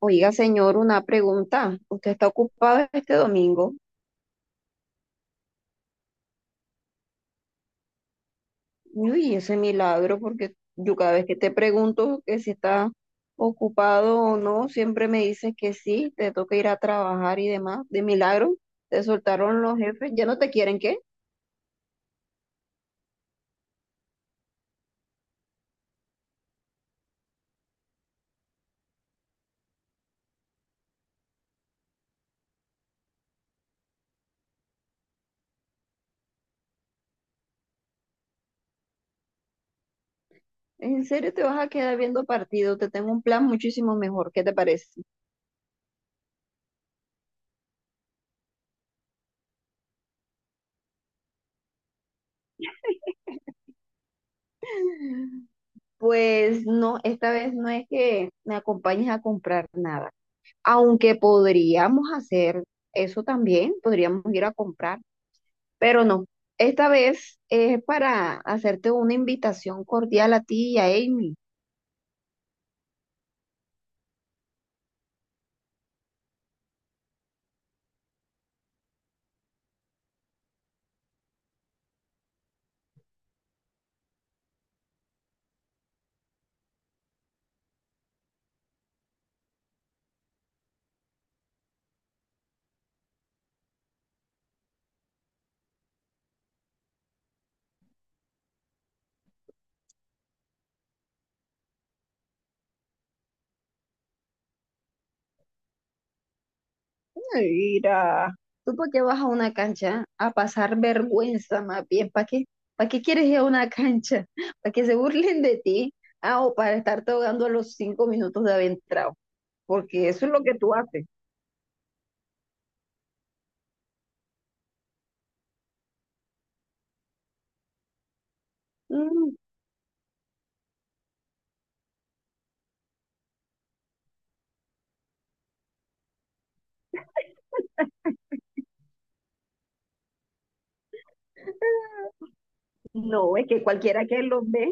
Oiga, señor, una pregunta. ¿Usted está ocupado este domingo? Uy, ese milagro, porque yo cada vez que te pregunto que si está ocupado o no, siempre me dices que sí, te toca ir a trabajar y demás. De milagro, te soltaron los jefes, ya no te quieren, ¿qué? ¿En serio te vas a quedar viendo partido? Te tengo un plan muchísimo mejor, ¿qué te parece? Pues no, esta vez no es que me acompañes a comprar nada, aunque podríamos hacer eso también, podríamos ir a comprar, pero no. Esta vez es para hacerte una invitación cordial a ti y a Amy. Mira, ¿tú por qué vas a una cancha a pasar vergüenza más bien? ¿Para qué? ¿Para qué quieres ir a una cancha? ¿Para que se burlen de ti? Ah, o para estarte ahogando a los 5 minutos de haber entrado, porque eso es lo que tú haces. Mm, no, es que cualquiera que los ve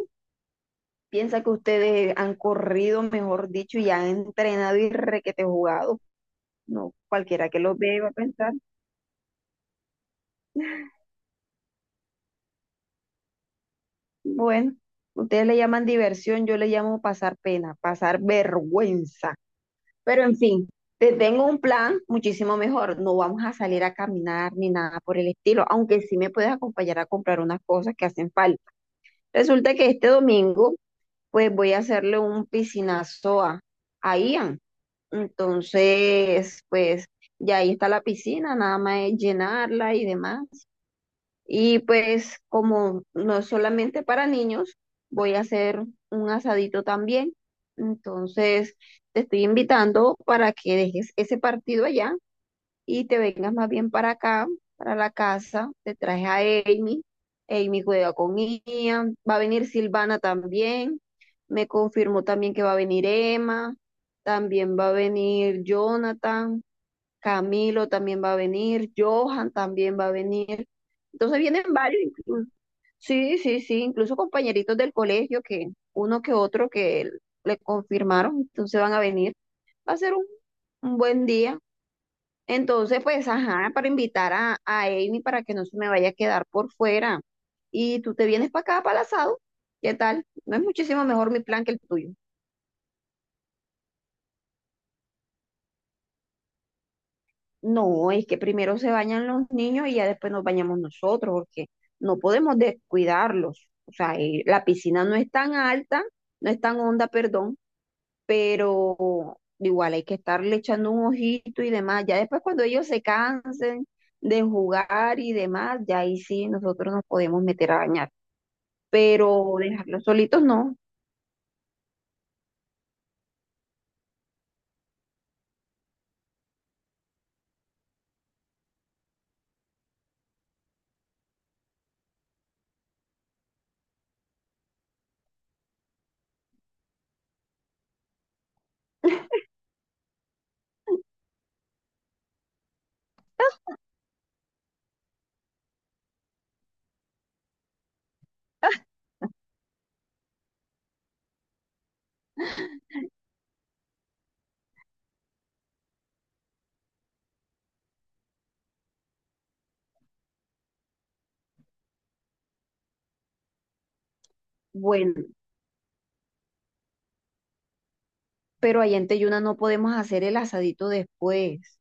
piensa que ustedes han corrido, mejor dicho, y han entrenado y requete jugado. No, cualquiera que los ve va a pensar, bueno, ustedes le llaman diversión, yo le llamo pasar pena, pasar vergüenza. Pero en fin, te tengo un plan muchísimo mejor. No vamos a salir a caminar ni nada por el estilo, aunque sí me puedes acompañar a comprar unas cosas que hacen falta. Resulta que este domingo pues voy a hacerle un piscinazo a Ian. Entonces, pues ya ahí está la piscina, nada más es llenarla y demás. Y pues como no es solamente para niños, voy a hacer un asadito también. Entonces, te estoy invitando para que dejes ese partido allá y te vengas más bien para acá, para la casa, te traje a Amy, Amy juega con Ian, va a venir Silvana también, me confirmó también que va a venir Emma, también va a venir Jonathan, Camilo también va a venir, Johan también va a venir, entonces vienen varios, sí, sí, sí, incluso compañeritos del colegio, que uno que otro que le confirmaron, entonces van a venir, va a ser un buen día. Entonces, pues, ajá, para invitar a Amy, para que no se me vaya a quedar por fuera. Y tú te vienes para acá, para el asado. ¿Qué tal? ¿No es muchísimo mejor mi plan que el tuyo? No, es que primero se bañan los niños y ya después nos bañamos nosotros, porque no podemos descuidarlos. O sea, la piscina no es tan alta, no es tan honda, perdón, pero igual hay que estarle echando un ojito y demás. Ya después, cuando ellos se cansen de jugar y demás, ya ahí sí nosotros nos podemos meter a bañar, pero dejarlos solitos no. Bueno, pero allá en Teyuna no podemos hacer el asadito después.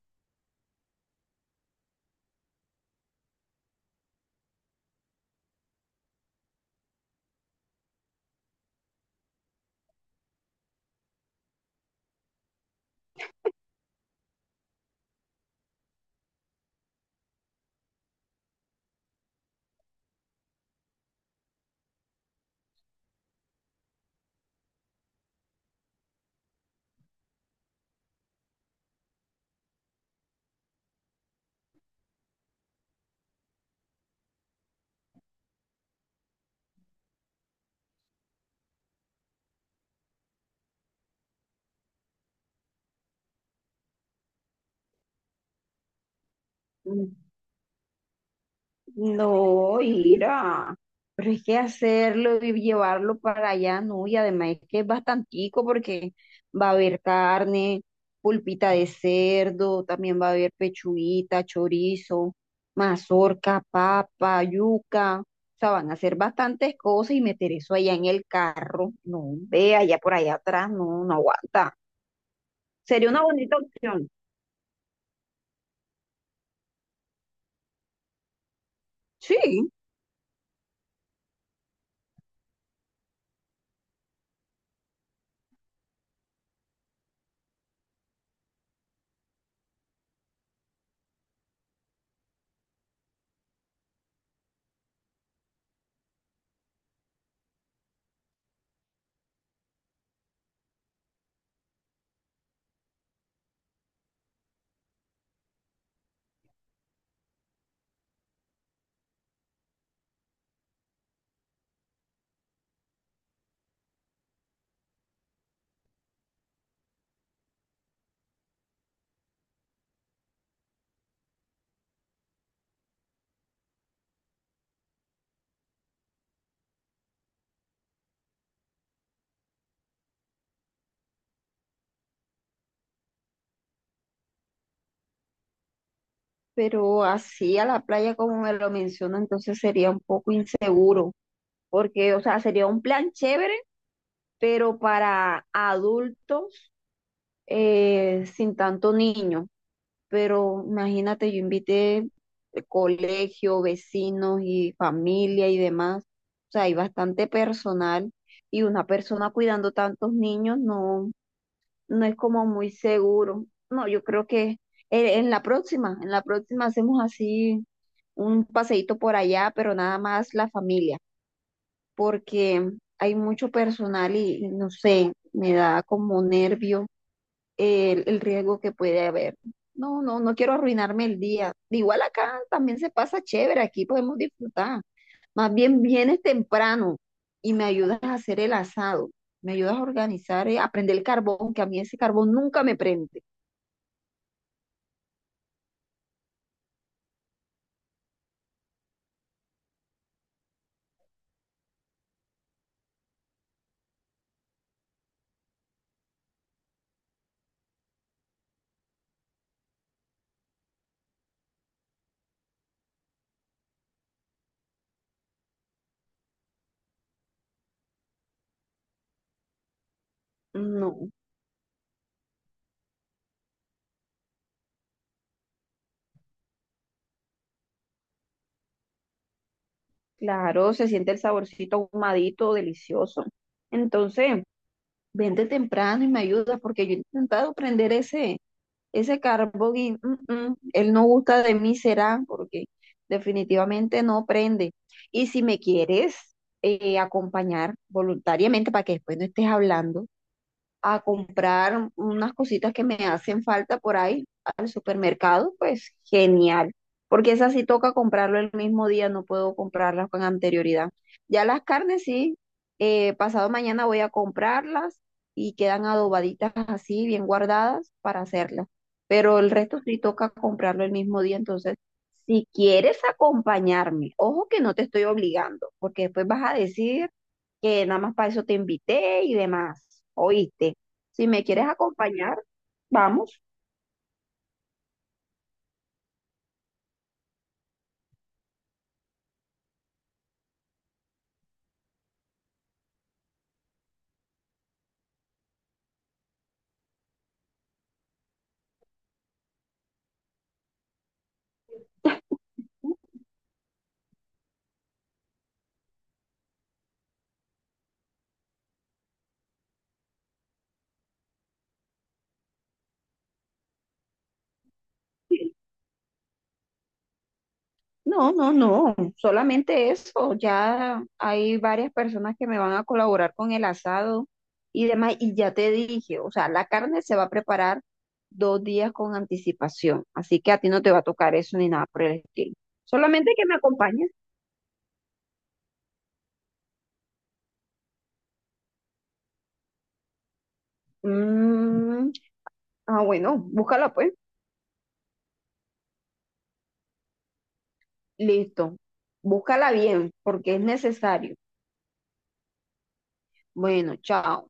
Mm, No, Ira, pero es que hacerlo y llevarlo para allá, no, y además es que es bastantico, porque va a haber carne, pulpita de cerdo, también va a haber pechuguita, chorizo, mazorca, papa, yuca, o sea, van a hacer bastantes cosas, y meter eso allá en el carro, no, ve allá por allá atrás, no, no aguanta. Sería una bonita opción. Sí, pero así a la playa como me lo menciona, entonces sería un poco inseguro, porque, o sea, sería un plan chévere, pero para adultos, sin tanto niño. Pero imagínate, yo invité de colegio, vecinos y familia y demás. O sea, hay bastante personal, y una persona cuidando tantos niños, no, no es como muy seguro. No, yo creo que en la próxima, hacemos así un paseíto por allá, pero nada más la familia, porque hay mucho personal y no sé, me da como nervio el riesgo que puede haber. No, no, no quiero arruinarme el día. Igual acá también se pasa chévere, aquí podemos disfrutar. Más bien vienes temprano y me ayudas a hacer el asado, me ayudas a organizar, a prender el carbón, que a mí ese carbón nunca me prende. No, claro, se siente el saborcito ahumadito, delicioso. Entonces, vente temprano y me ayudas, porque yo he intentado prender ese Carbogui, él no gusta de mí, será, porque definitivamente no prende. Y si me quieres acompañar voluntariamente, para que después no estés hablando, a comprar unas cositas que me hacen falta por ahí al supermercado, pues genial, porque esas sí toca comprarlo el mismo día, no puedo comprarlas con anterioridad. Ya las carnes sí, pasado mañana voy a comprarlas y quedan adobaditas así, bien guardadas para hacerlas, pero el resto sí toca comprarlo el mismo día, entonces... Si quieres acompañarme, ojo que no te estoy obligando, porque después vas a decir que nada más para eso te invité y demás, ¿oíste? Si me quieres acompañar, vamos. No, no, no, solamente eso. Ya hay varias personas que me van a colaborar con el asado y demás. Y ya te dije, o sea, la carne se va a preparar 2 días con anticipación. Así que a ti no te va a tocar eso ni nada por el estilo. Solamente que me acompañes. Mm, ah, bueno, búscala pues. Listo. Búscala bien, porque es necesario. Bueno, chao.